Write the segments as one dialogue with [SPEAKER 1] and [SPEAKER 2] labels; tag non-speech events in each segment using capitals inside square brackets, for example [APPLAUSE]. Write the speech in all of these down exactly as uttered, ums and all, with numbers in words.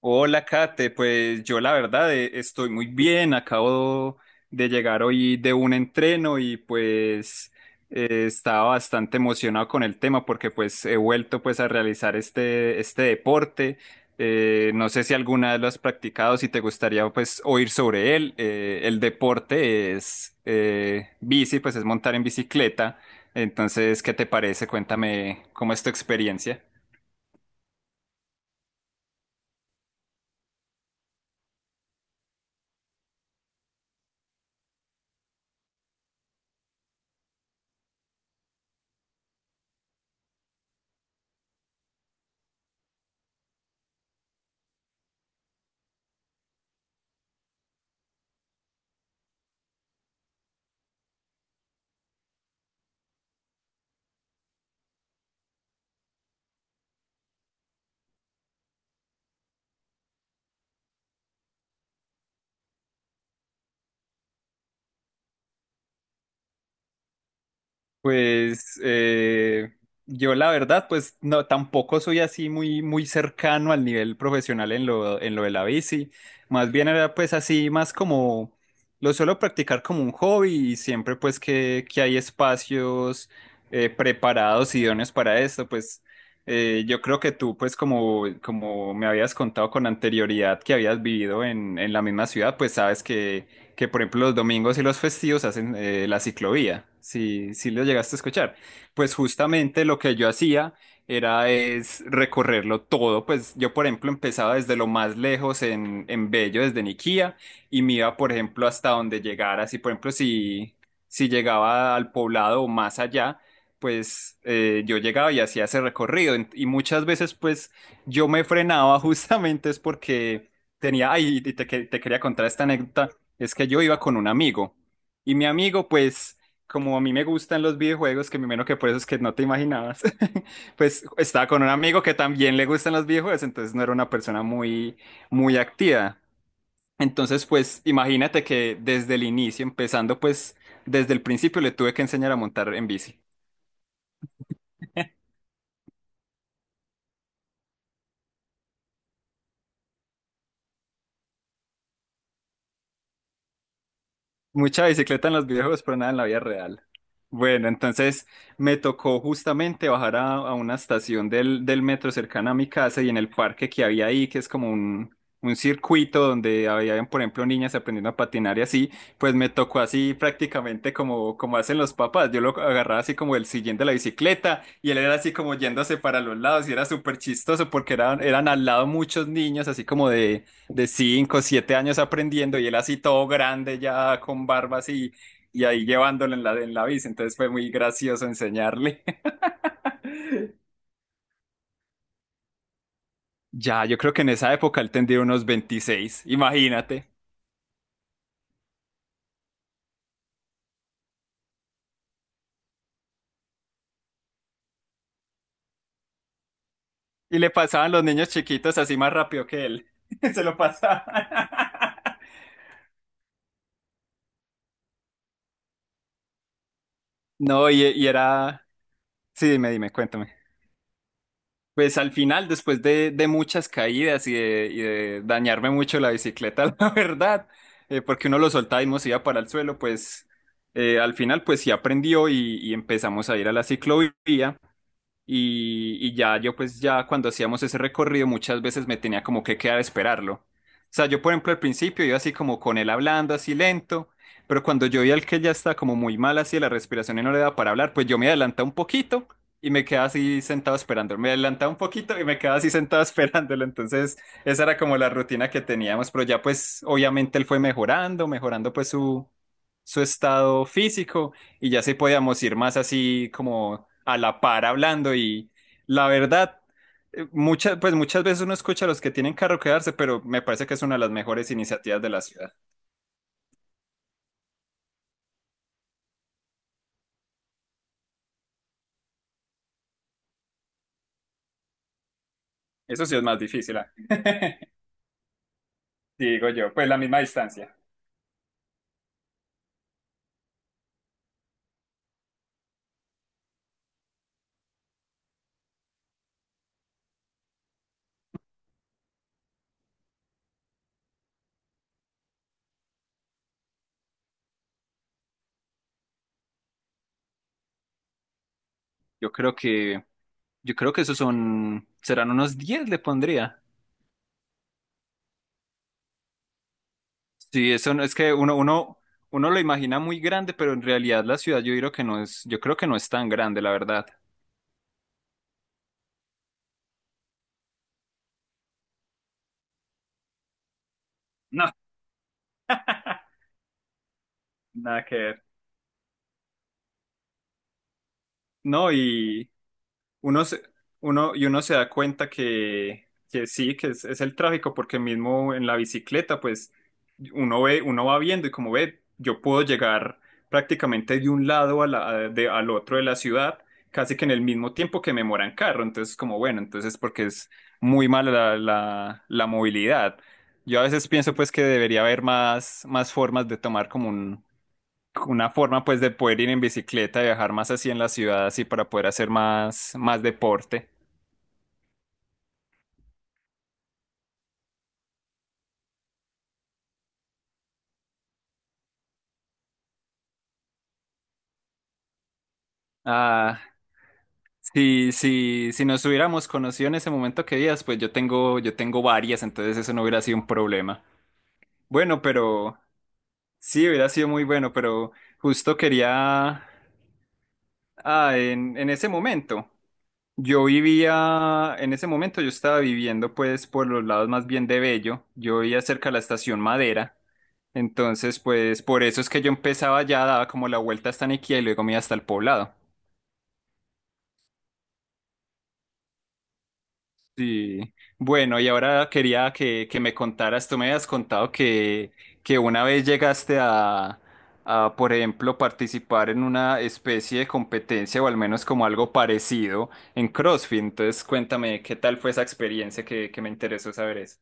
[SPEAKER 1] Hola, Kate. Pues yo la verdad eh, estoy muy bien. Acabo de llegar hoy de un entreno y pues eh, estaba bastante emocionado con el tema porque pues he vuelto pues a realizar este, este deporte. Eh, no sé si alguna vez lo has practicado, si te gustaría pues oír sobre él. Eh, el deporte es eh, bici, pues es montar en bicicleta. Entonces, ¿qué te parece? Cuéntame cómo es tu experiencia. Pues eh, yo la verdad, pues no, tampoco soy así muy, muy cercano al nivel profesional en lo, en lo de la bici. Más bien era pues así, más como lo suelo practicar como un hobby y siempre pues que, que hay espacios eh, preparados, idóneos para esto, pues eh, yo creo que tú pues como, como me habías contado con anterioridad que habías vivido en, en la misma ciudad, pues sabes que que por ejemplo los domingos y los festivos hacen eh, la ciclovía, si, si lo llegaste a escuchar. Pues justamente lo que yo hacía era es recorrerlo todo, pues yo por ejemplo empezaba desde lo más lejos en, en Bello, desde Niquía, y me iba por ejemplo hasta donde llegara, si por ejemplo si, si llegaba al poblado o más allá, pues eh, yo llegaba y hacía ese recorrido. En- y muchas veces pues yo me frenaba [LAUGHS] justamente es porque. Tenía, ay, y te, que- te quería contar esta anécdota es que yo iba con un amigo y mi amigo, pues, como a mí me gustan los videojuegos, que me imagino que por eso es que no te imaginabas, [LAUGHS] pues estaba con un amigo que también le gustan los videojuegos, entonces no era una persona muy, muy activa. Entonces, pues, imagínate que desde el inicio, empezando, pues, desde el principio le tuve que enseñar a montar en bici. Mucha bicicleta en los videojuegos, pero nada en la vida real. Bueno, entonces me tocó justamente bajar a, a una estación del, del metro cercana a mi casa y en el parque que había ahí, que es como un, un circuito donde había, por ejemplo, niñas aprendiendo a patinar y así, pues me tocó así prácticamente como, como hacen los papás. Yo lo agarraba así como el sillín de la bicicleta y él era así como yéndose para los lados y era súper chistoso porque eran, eran al lado muchos niños así como de de cinco siete años aprendiendo y él así todo grande ya con barba así y ahí llevándolo en la, en la bici. Entonces fue muy gracioso enseñarle. [LAUGHS] Ya, yo creo que en esa época él tendría unos veintiséis, imagínate. Y le pasaban los niños chiquitos así más rápido que él. [LAUGHS] Se lo pasaban. [LAUGHS] No, y, y era. Sí, dime, dime, cuéntame. Pues al final, después de, de muchas caídas y de, y de dañarme mucho la bicicleta, [LAUGHS] la verdad, eh, porque uno lo soltaba y nos iba para el suelo, pues eh, al final pues sí aprendió y, y empezamos a ir a la ciclovía y, y ya yo pues ya cuando hacíamos ese recorrido muchas veces me tenía como que quedar a esperarlo. O sea, yo por ejemplo al principio iba así como con él hablando así lento, pero cuando yo veía al que ya está como muy mal así de la respiración y no le da para hablar, pues yo me adelantaba un poquito y me quedaba así sentado esperando. Me adelantaba un poquito y me quedaba así sentado [LAUGHS] esperándolo. Entonces esa era como la rutina que teníamos, pero ya pues obviamente él fue mejorando, mejorando pues su, su estado físico y ya se podíamos ir más así como a la par hablando y la verdad, eh, muchas, pues muchas veces uno escucha a los que tienen carro quedarse, pero me parece que es una de las mejores iniciativas de la ciudad. Eso sí es más difícil, ah. [LAUGHS] Digo yo, pues la misma distancia. Yo creo que, yo creo que esos son, serán unos diez le pondría. Sí, eso no- es que uno, uno, uno lo imagina muy grande, pero en realidad la ciudad yo creo que no es, yo creo que no es tan grande, la verdad. No, nada que ver. No, y Uno se, uno, y uno se da cuenta que, que sí, que es, es el tráfico, porque mismo en la bicicleta, pues uno ve, uno va viendo y como ve, yo puedo llegar prácticamente de un lado a la- a- de- al otro de la ciudad, casi que en el mismo tiempo que me mora en carro. Entonces, como bueno, entonces porque es muy mala la, la- la movilidad. Yo a veces pienso pues que debería haber más, más formas de tomar como una forma pues de poder ir en bicicleta, viajar más así en la ciudad, así para poder hacer más, más deporte. Ah, si, si, si nos hubiéramos conocido en ese momento que días, pues yo tengo, yo tengo varias, entonces eso no hubiera sido un problema. Bueno, pero sí, hubiera sido muy bueno, pero justo quería, ah, en, en ese momento. Yo vivía, en ese momento yo estaba viviendo pues por los lados más bien de Bello, yo vivía cerca de la estación Madera, entonces pues por eso es que yo empezaba ya, daba como la vuelta hasta Niquia y luego me iba hasta el poblado. Sí, bueno, y ahora quería que, que me contaras, tú me habías contado que, que una vez llegaste a, a, por ejemplo, participar en una especie de competencia o al menos como algo parecido en CrossFit, entonces cuéntame qué tal fue esa experiencia que, que me interesó saber eso.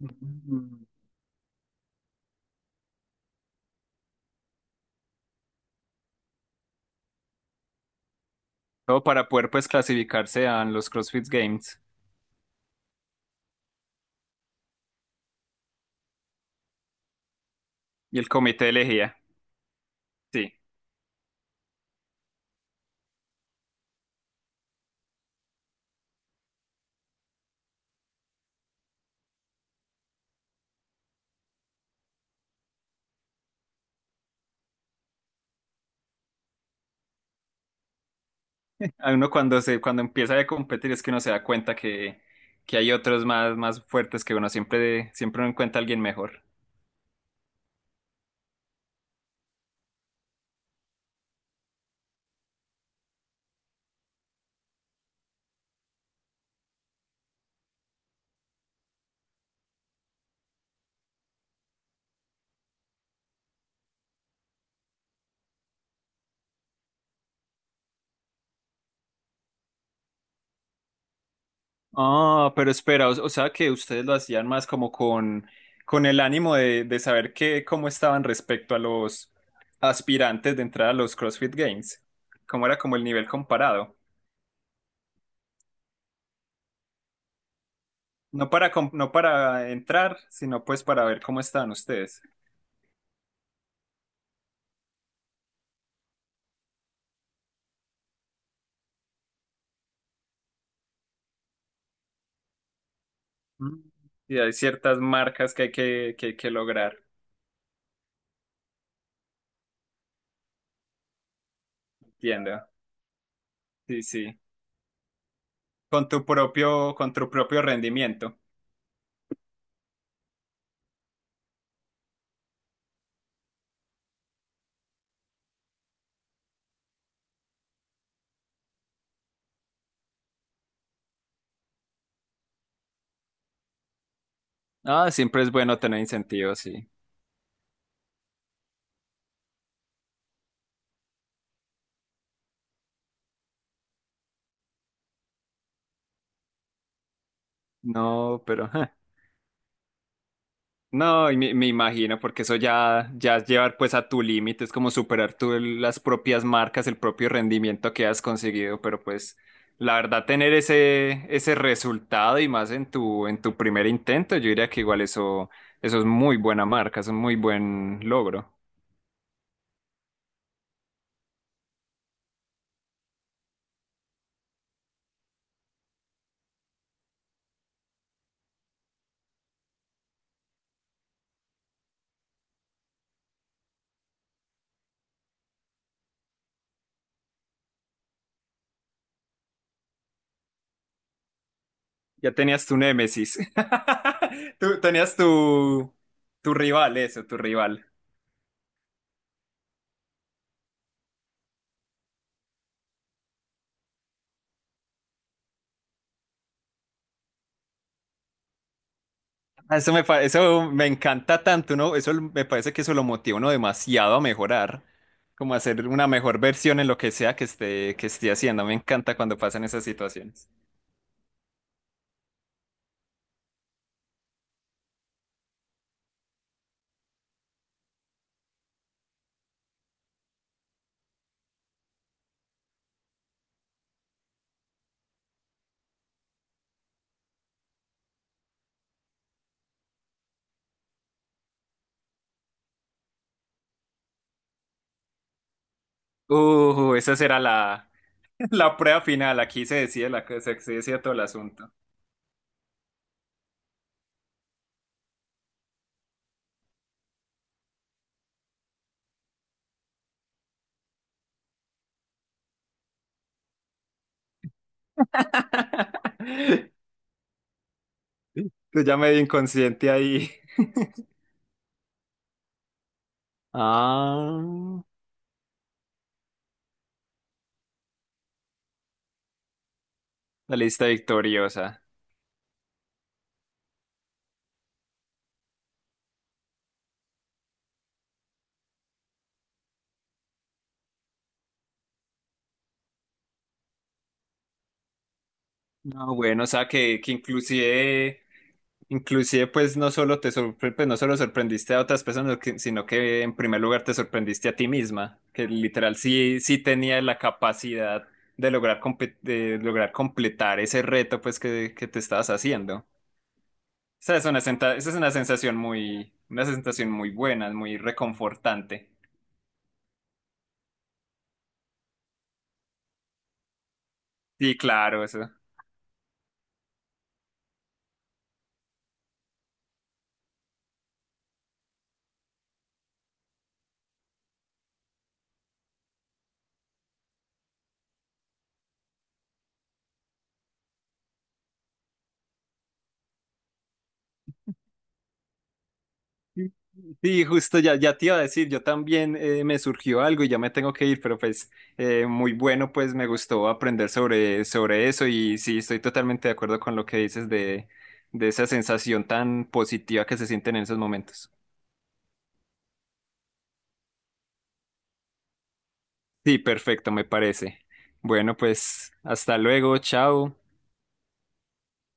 [SPEAKER 1] Mm. Todo para poder pues clasificarse a los CrossFit Games y el comité elegía. Sí. A uno cuando se, cuando empieza a competir es que uno se da cuenta que, que hay otros más, más fuertes que uno siempre, siempre uno encuentra a alguien mejor. Ah, pero espera, o, o sea que ustedes lo hacían más como con, con el ánimo de, de saber qué cómo estaban respecto a los aspirantes de entrar a los CrossFit Games. ¿Cómo era como el nivel comparado? No para, com- no para entrar, sino pues para ver cómo están ustedes. Mm. Y hay ciertas marcas que, hay que, que hay que lograr, entiendo. Sí, sí. Con tu propio, con tu propio rendimiento. Ah, siempre es bueno tener incentivos, sí. No, pero. [LAUGHS] No, y me, me imagino, porque eso ya, ya es llevar pues a tu límite, es como superar tú el- las propias marcas, el propio rendimiento que has conseguido, pero pues la verdad tener ese, ese resultado y más en tu, en tu primer intento, yo diría que igual eso, eso es muy buena marca, es un muy buen logro. Ya tenías tu némesis, [LAUGHS] tú tenías tu, tu rival, eso, tu rival. Ah, Eso me, pa- eso me encanta tanto, ¿no? Eso me parece que eso lo motiva a uno demasiado a mejorar, como a hacer una mejor versión en lo que sea que esté, que esté haciendo. Me encanta cuando pasan esas situaciones. Uh, esa será la, [LAUGHS] la prueba final. Aquí se decide la, cosa, se se decide todo el asunto. [LAUGHS] Tú ya medio inconsciente ahí. [LAUGHS] Ah, la lista victoriosa. No, bueno, o sea que, que inclusive Inclusive, pues no solo te sorpre- pues, no solo sorprendiste a otras personas, que- sino que en primer lugar te sorprendiste a ti misma, que literal sí, sí tenía la capacidad de lograr, compe- de lograr completar ese reto pues que, que te estabas haciendo. O sea, es una senta- esa es una sensación muy, una sensación muy buena, muy reconfortante. Sí, claro, eso. Sí, justo ya, ya te iba a decir, yo también eh, me surgió algo y ya me tengo que ir, pero pues eh, muy bueno, pues me gustó aprender sobre, sobre eso y sí, estoy totalmente de acuerdo con lo que dices de, de esa sensación tan positiva que se sienten en esos momentos. Sí, perfecto, me parece. Bueno, pues hasta luego, chao.